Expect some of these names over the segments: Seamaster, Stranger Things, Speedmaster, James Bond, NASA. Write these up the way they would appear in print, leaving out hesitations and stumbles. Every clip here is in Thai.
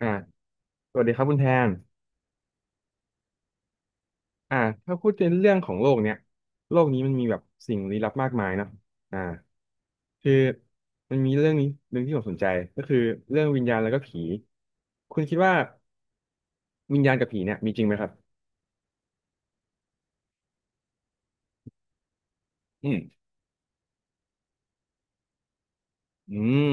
อ่าสวัสดีครับคุณแทนอ่าถ้าพูดในเรื่องของโลกเนี้ยโลกนี้มันมีแบบสิ่งลี้ลับมากมายเนาะอ่าคือมันมีเรื่องนี้เรื่องที่ผมสนใจก็คือเรื่องวิญญาณแล้วก็ผี คุณคิดว่าวิญญาณกับผีเนี่ยมีจริงไหมครับอืมอืม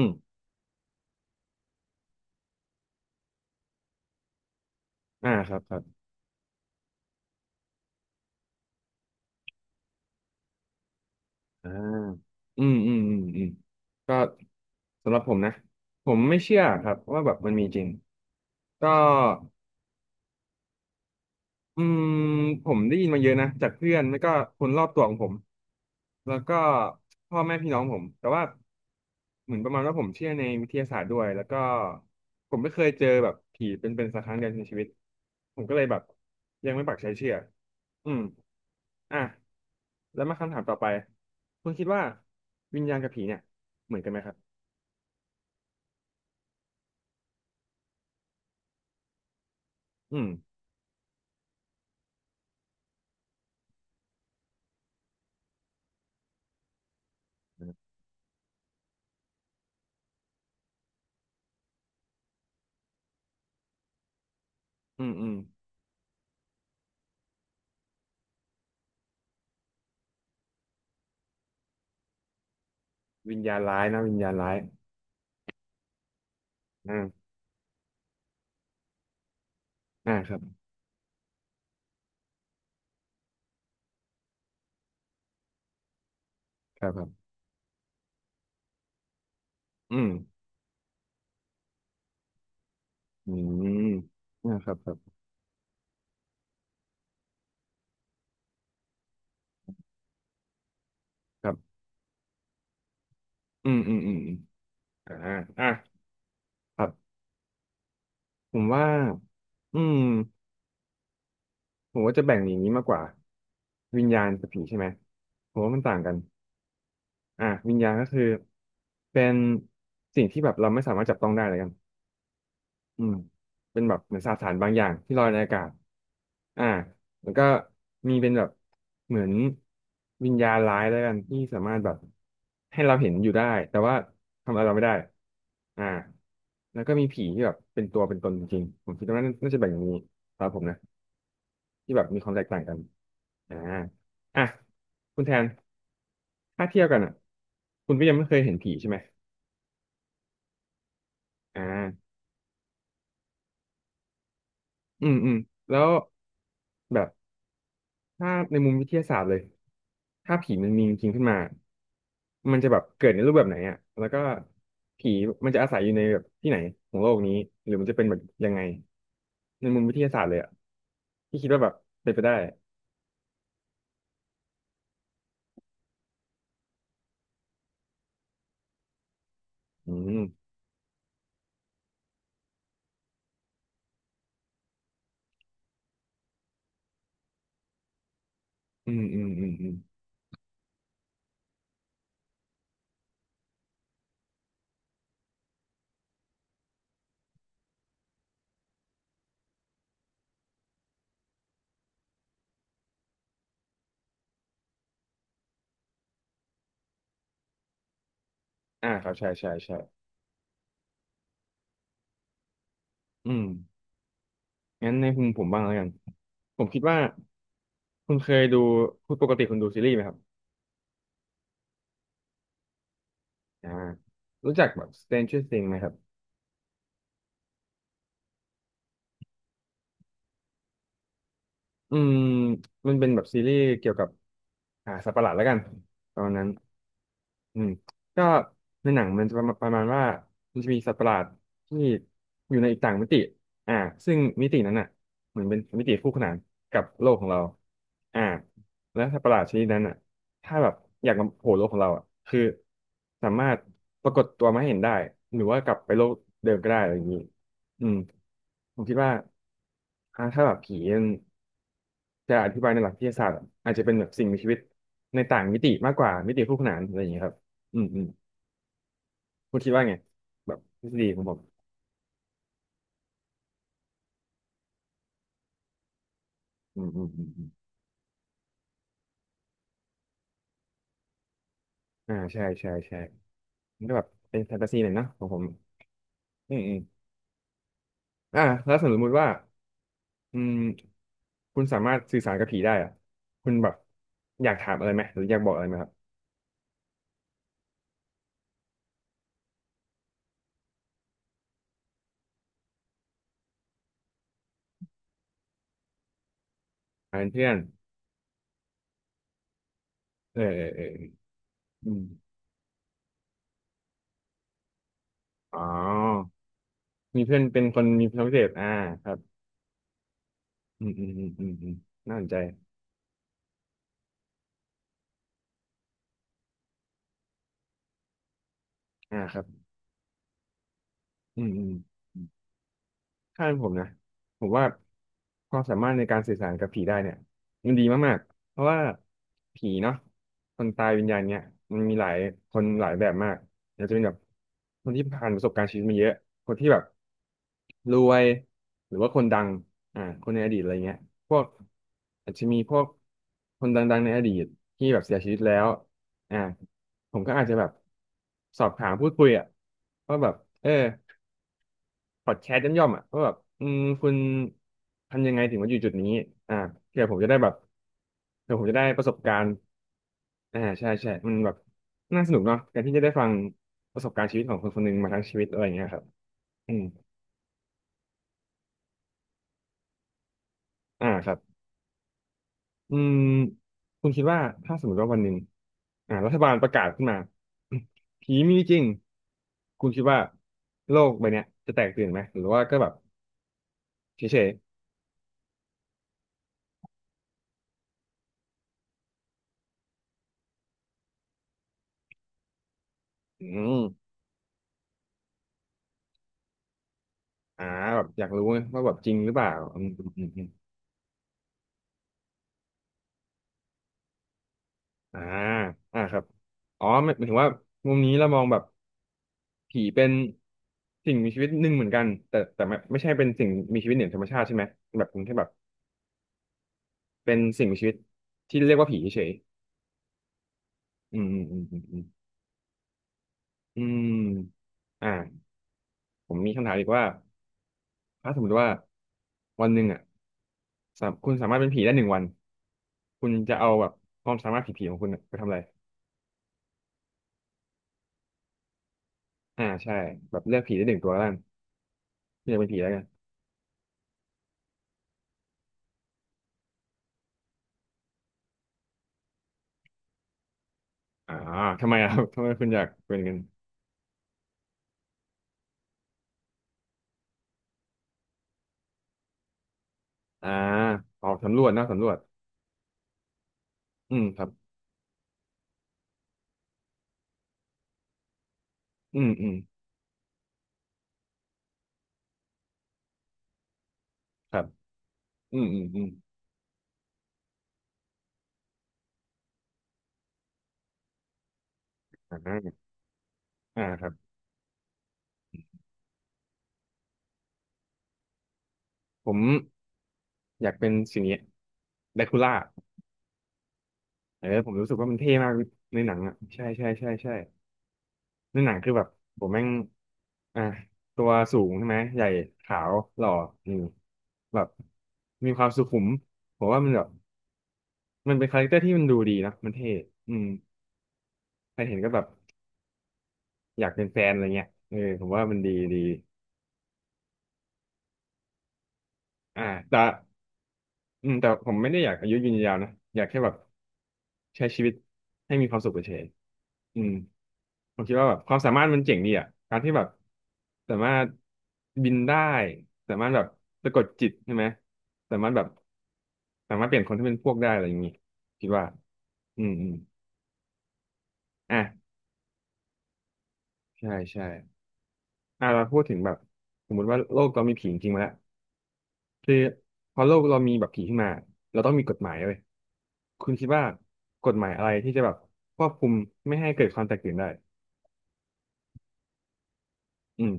อ่าครับครับอ่าอืมอืมอืมอืมก็สำหรับผมนะ ผมไม่เชื่อครับว่าแบบมันมีจริงก็ อืมผมได้ยินมาเยอะนะจากเพื่อนแล้วก็คนรอบตัวของผมแล้วก็พ่อแม่พี่น้องผมแต่ว่าเหมือนประมาณว่าผมเชื่อในวิทยาศาสตร์ด้วยแล้วก็ผมไม่เคยเจอแบบผีเป็นๆสักครั้งเดียวในชีวิตผมก็เลยแบบยังไม่ปักใจเชื่ออืมอ่ะแล้วมาคำถามต่อไปคุณคิดว่าวิญญาณกับผีเนี่ยเหมือนกันไหมครับอืมอืมอืมวิญญาณร้ายนะวิญญาณร้ายอ่าอ่าครับครับครับอืม อืมนะครับครับครับอืมอืมอืมอมอ่าอ่ะครับผมว่า อืมผมว่าจะแบ่งอย่างนี้มากกว่าวิญญาณกับผีใช่ไหมผมว่ามันต่างกันอ่ะวิญญาณก็คือเป็นสิ่งที่แบบเราไม่สามารถจับต้องได้เลยกัน อืมเป็นแบบเหมือนสสารบางอย่างที่ลอยในอากาศอ่าแล้วก็มีเป็นแบบเหมือนวิญญาณร้ายแล้วกันที่สามารถแบบให้เราเห็นอยู่ได้แต่ว่าทำอะไรเราไม่ได้อ่าแล้วก็มีผีที่แบบเป็นตัวเป็นตนจริงๆผมคิดว่าน่าจะแบ่งอย่างนี้สำหรับผมนะที่แบบมีความแตกต่างกันอ่าอ่ะคุณแทนถ้าเทียบกันอ่ะคุณก็ยังไม่เคยเห็นผีใช่ไหมอ่าอืมอืมแล้วแบบ ถ้าในมุมวิทยาศาสตร์เลยถ้าผีมันมีจริงขึ้นมามันจะแบบเกิดในรูปแบบไหนอ่ะแล้วก็ผีมันจะอาศัยอยู่ในแบบที่ไหนของโลกนี้หรือมันจะเป็นแบบยังไงในมุมวิทยาศาสตร์เลยอ่ะที่คิดว่าแบบเป็นไปได้อืมอืมอืมอืมอืมอ่าครับใช่ใช่ใช่อืมงั้นในมุมผมบ้างแล้วกันผมคิดว่าคุณเคยดูคุณปกติคุณดูซีรีส์ไหมครับอ่ารู้จักแบบ Stranger Things ไหมครับ อืมมันเป็นแบบซีรีส์เกี่ยวกับสัตว์ประหลาดแล้วกันประมาณนั้นอืมก็ในหนังมันจะประมาณประมาณว่ามันจะมีสัตว์ประหลาดที่อยู่ในอีกต่างมิติอ่าซึ่งมิตินั้นอ่ะเหมือนเป็นมิติคู่ขนานกับโลกของเราอ่าและสัตว์ประหลาดชนิดนั้นอ่ะถ้าแบบอยากมาโผล่โลกของเราอ่ะคือสามารถปรากฏตัวมาให้เห็นได้หรือว่ากลับไปโลกเดิมก็ได้อะไรอย่างนี้อืมผมคิดว่าถ้าแบบผี จะอธิบายในหลักวิทยาศาสตร์อาจจะเป็นแบบสิ่งมีชีวิตในต่างมิติมากกว่ามิติคู่ขนานอะไรอย่างเงี้ยครับอืมอืมคุณคิดว่าไงแบบทฤษฎีของผมอืมอืมอืมอมอ่าใช่ใช่ใช่มันก็แบบเป็นแฟนตาซีหน่อยเนอะของผมอืมอืมแล้วสมมติว่าอืมคุณสามารถสื่อสารกับผีได้อะคุณแบบอยากถามอะไรไหมหรืออยากบอกอะไรไหมครับอ่าเป็นเพื่อนเออเออเอออืมอ๋อมีเพื่อนเป็นคนมีพลังพิเศษอ่าครับอืมอืมอืมอืมอืมน่าสนใจอ่าครับ อืมอืมอืมถ้าเป็นผมนะผมว่าความสามารถในการสื่อสารกับผีได้เนี่ยมันดีมากๆเพราะว่าผีเนาะคนตายวิญญาณเนี่ยมันมีหลายคนหลายแบบมากอาจจะเป็นแบบคนที่ผ่านประสบการณ์ชีวิตมาเยอะคนที่แบบรวยหรือว่าคนดังคนในอดีตอะไรเงี้ยพวกอาจจะมีพวกคนดังๆในอดีตที่แบบเสียชีวิตแล้วอ่าผมก็อาจจะแบบสอบถามพูดคุยอ่ะว่าแบบเออ พอดแคสต์ย่อมๆอ่ะว่าแบบอืมคุณทำยังไงถึงมาอยู่จุดนี้อ่าเผื่อผมจะได้แบบเผื่อผมจะได้ประสบการณ์อ่าใช่ใช่มันแบบน่าสนุกเนาะการที่จะได้ฟังประสบการณ์ชีวิตของคนคนหนึ่งมาทั้งชีวิตอะไรอย่างเงี้ยครับอืมครับอืมคุณคิดว่าถ้าสมมติว่าวันหนึ่งรัฐบาลประกาศขึ้นมา ผีมีจริงคุณคิดว่าโลกใบเนี้ยจะแตกตื่นไหมหรือว่าก็แบบเฉยๆอืมอ่าแบบอยากรู้ไงว่าแบบจริงหรือเปล่าอืม อ่าครับอ๋อหมายถึงว่ามุมนี้เรามองแบบผีเป็นสิ่งมีชีวิตหนึ่งเหมือนกันแต่ไม่ใช่เป็นสิ่งมีชีวิตเหนือธรรมชาติใช่ไหมแบบเป็นแค่แบบเป็นสิ่งมีชีวิตที่เรียกว่าผีเฉยๆอืมอืมอืมอืมอืมอืมอ่าผมมีคำถามอีกว่าถ้าสมมติว่าวันหนึ่งอ่ะสามคุณสามารถเป็นผีได้หนึ่งวันคุณจะเอาแบบความสามารถผีๆของคุณอะไปทำอะไรอ่าใช่แบบเลือกผีได้หนึ่งตัวแล้วกันคุณจะเป็นผีแล้วกัน อ่าทำไมอะครับ ทำไมคุณอยากเป็นกันอ่าออกสำรวจนะสำรวจอืมครับอืมอืมครับอืมอืมอืมอ่าครับผมอยากเป็นสิ่งนี้แดคูล่าเออผมรู้สึกว่ามันเท่มากในหนังอ่ะใช่ใช่ใช่ใช่ในหนังคือแบบผมแม่งอ่าตัวสูงใช่ไหมใหญ่ขาวหล่ออืมแบบมีความสุขุมผมว่ามันแบบมันเป็นคาแรคเตอร์ที่มันดูดีนะมันเท่อืมใครเห็นก็แบบ อยากเป็นแฟนอะไรเงี้ยเออผมว่ามันดีดีอ่าแต่อืมแต่ผมไม่ได้อยากอายุยืนยาวนะอยากแค่แบบใช้ชีวิตให้มีความสุขเฉยๆอืมผมคิดว่าแบบความสามารถมันเจ๋งดีอ่ะการที่แบบสามารถบินได้สามารถแบบสะกดจิตใช่ไหมสามารถแบบสามารถเปลี่ยนคนที่เป็นพวกได้อะไรอย่างนี้คิดว่าอืมอืมอ่ะใช่ใช่อ่ะเราพูดถึงแบบสมมติว่าโลกเรามีผีจริงๆมาแล้ว คือพอโลกเรามีแบบผีขึ้นมาเราต้องมีกฎหมายเว้ยคุณคิดว่ากฎหมายอะไรที่จะแบบควบคุมไม่ให้เกิดความแตกตื่นได้อืม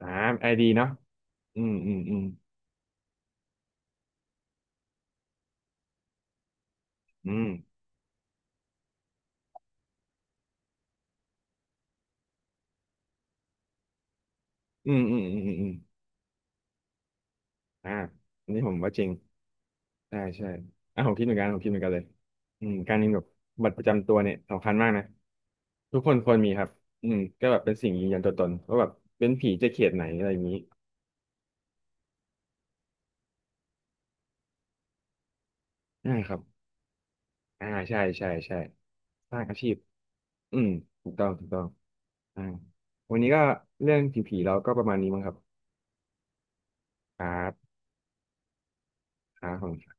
อ่าไอดีเนาะอืมอืมอืมอืมอืมอืมอืมอืมอืมอ่าอันนี้ผมว่าจริงใช่ใช่อ่ะผมคิดเหมือนกันผมคิดเหมือนกันเลยอืมการมีแบบบัตรประจำตัวเนี่ยสำคัญมากนะทุกคนควรมีครับอืมก็แบบเป็นสิ่งยืนยันตัวตนว่าแบบเป็นผีจะเขตไหนอะไรอย่างนี้อ่าครับอ่าใช่ใช่ใช่สร้างอาชีพ อืมถูกต้องถูกต้องอ่าวันนี้ก็เรื่องผีๆเราก็ประมาณนี้มั้งครับครับครับ